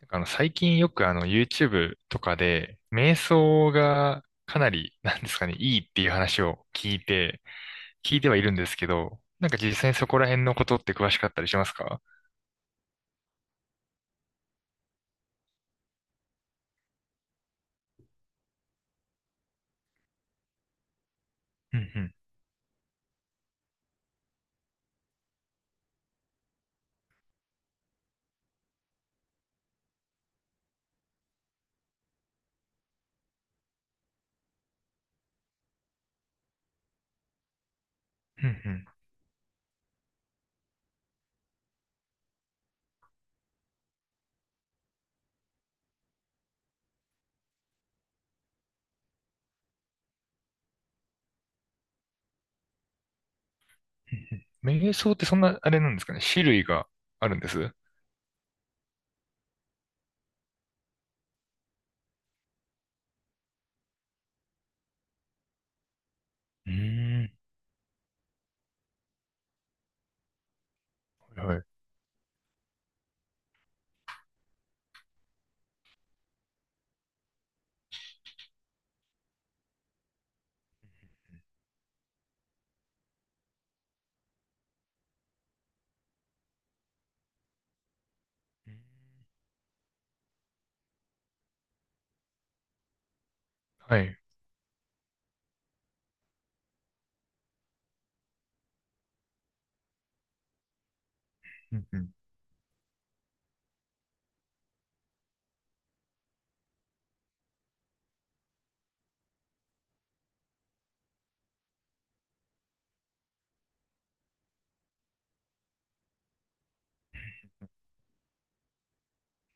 なんか最近よくYouTube とかで、瞑想がかなり、なんですかね、いいっていう話を聞いてはいるんですけど、なんか実際にそこら辺のことって詳しかったりしますか？うんうん、うんうん、うんうん。瞑想ってそんな、あれなんですかね、種類があるんです？うーん、はいはい。はい、うんうん。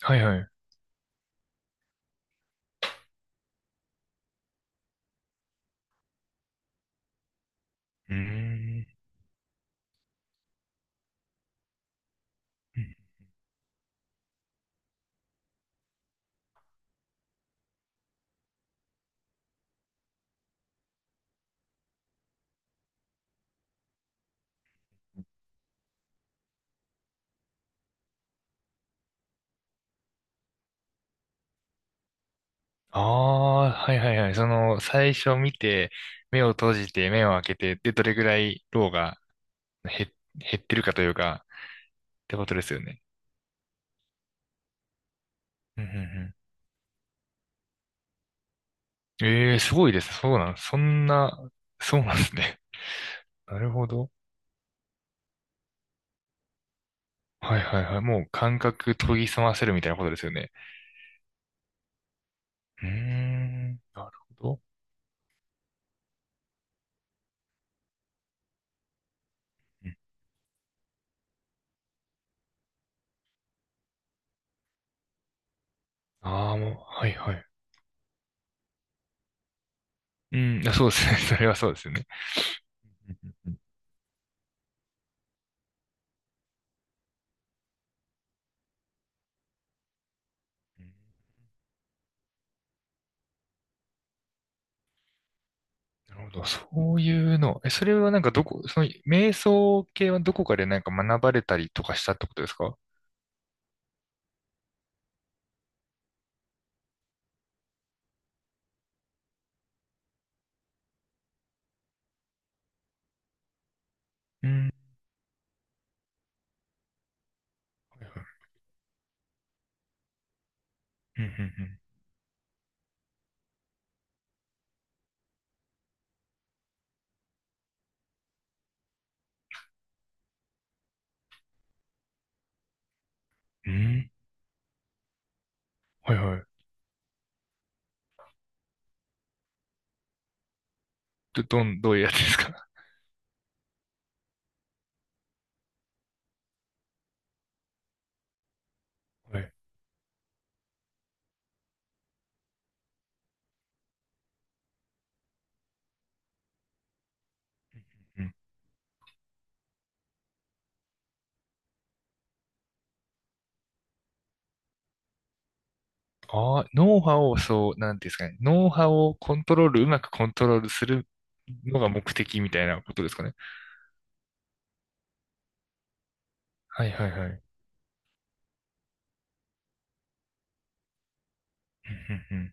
はいはい。うーん。ああー、はいはいはい。その、最初見て、目を閉じて、目を開けて、で、どれぐらい、ローが減減ってるかというか、ってことですよね。うんうんうん。ええーすごいです。そうなん、そんな、そうなんですね。なるほど。はいはいはい。もう感覚研ぎ澄ませるみたいなことですよね。うーん、なるほど。ああー、もう、はいはい。うん、あ、そうですね。それはそうですよね。うんうんうんうん、なるほど。そういうの。え、それはなんかどこ、その、瞑想系はどこかでなんか学ばれたりとかしたってことですか？うん。はいはい。うんうんうん。うん。はいはい。ど、どういうやつですか？はい。うん。ああ、脳波を、そう、なんていうんですかね。脳波をコントロール、うまくコントロールするのが目的みたいなことですかね？はいはいはい。うん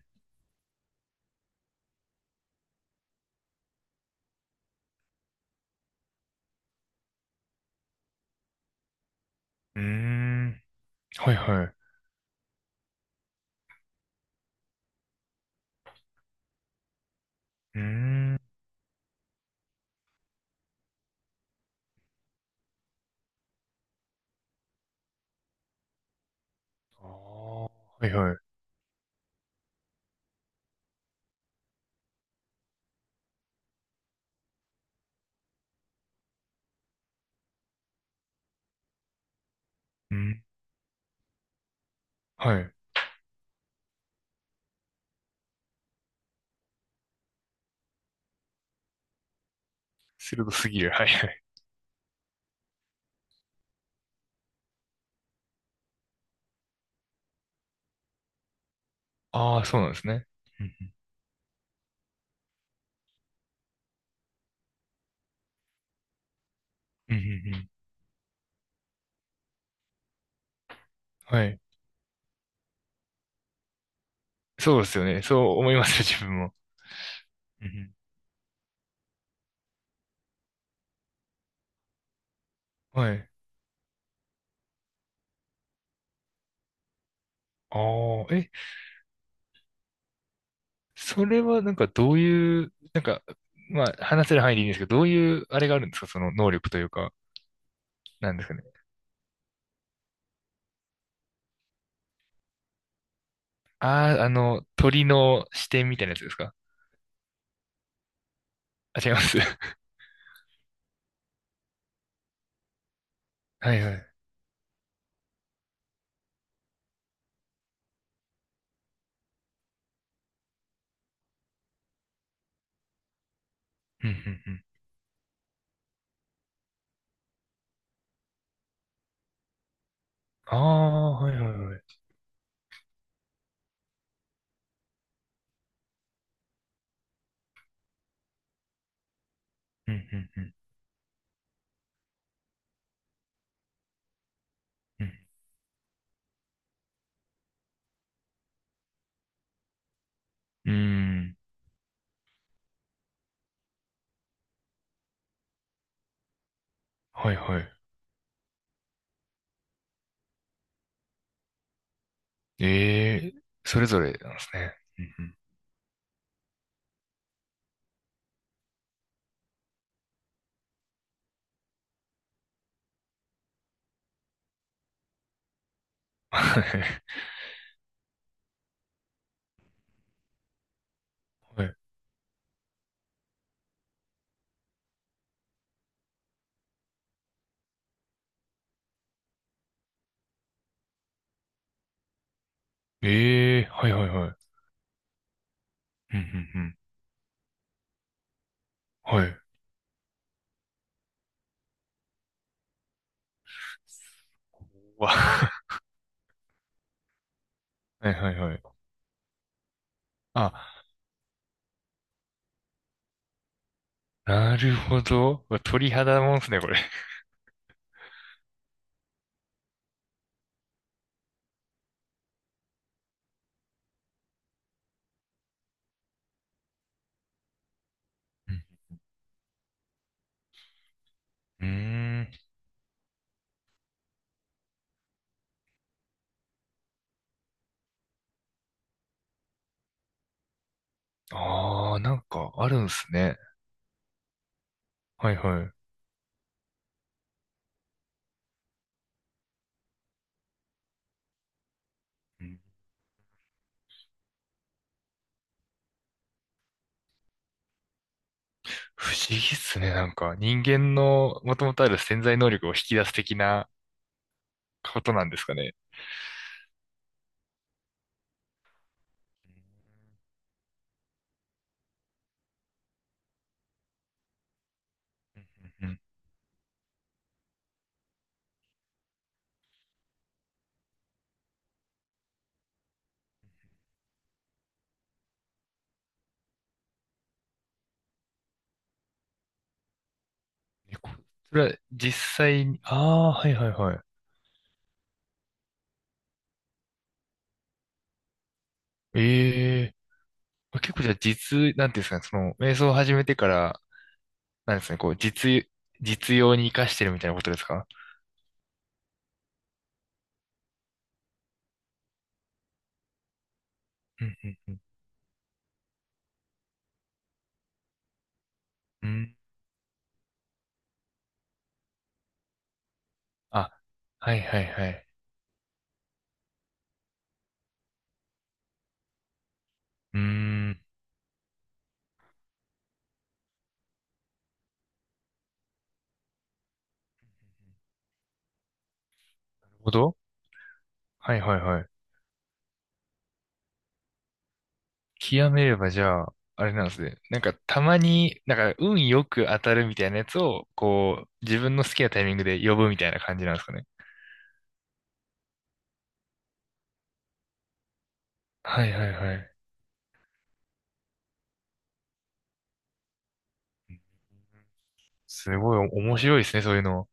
うんうん。うーん。はいはい。うーん。ああ、はいはい。うん。はい。鋭すぎる。はいはい。ああ、そうなんですね。うんうんうんうんうん、はい。そうですよね。そう思いますよ、自分も。うんうん、はい。ああ、え、それはなんかどういう、なんか、まあ話せる範囲でいいんですけど、どういうあれがあるんですか、その能力というか、なんですかね。ああ、鳥の視点みたいなやつですか？あ、違います。はいはい。うんうんうん。ああ、はいはいはい。うんうんうんうん。うん。はいはい。ええ、それぞれなんですね。うんうん。はいはい。ええ、はいはいはい。うんうんうん。はい。うわ。はいはいはい。あ、なるほど。鳥肌もんですね、これ。うん。うん。ああー、なんかあるんすね。はいはい。うん、不思議っすね。なんか人間のもともとある潜在能力を引き出す的なことなんですかね。うんうん、えこそれは実際に、ああ、はいはいはい。ええ、結構じゃあなんていうんですかね、その、瞑想を始めてから、なんですかね、こう、実用に活かしてるみたいなことですか？うんうんうん。うん。あ、はいはいはい。うーん。なるほど。はいはいはい。極めればじゃあ、あれなんですね。なんかたまに、なんか運よく当たるみたいなやつを、こう、自分の好きなタイミングで呼ぶみたいな感じなんですかね。はいはいはい。すごい面白いですね、そういうの。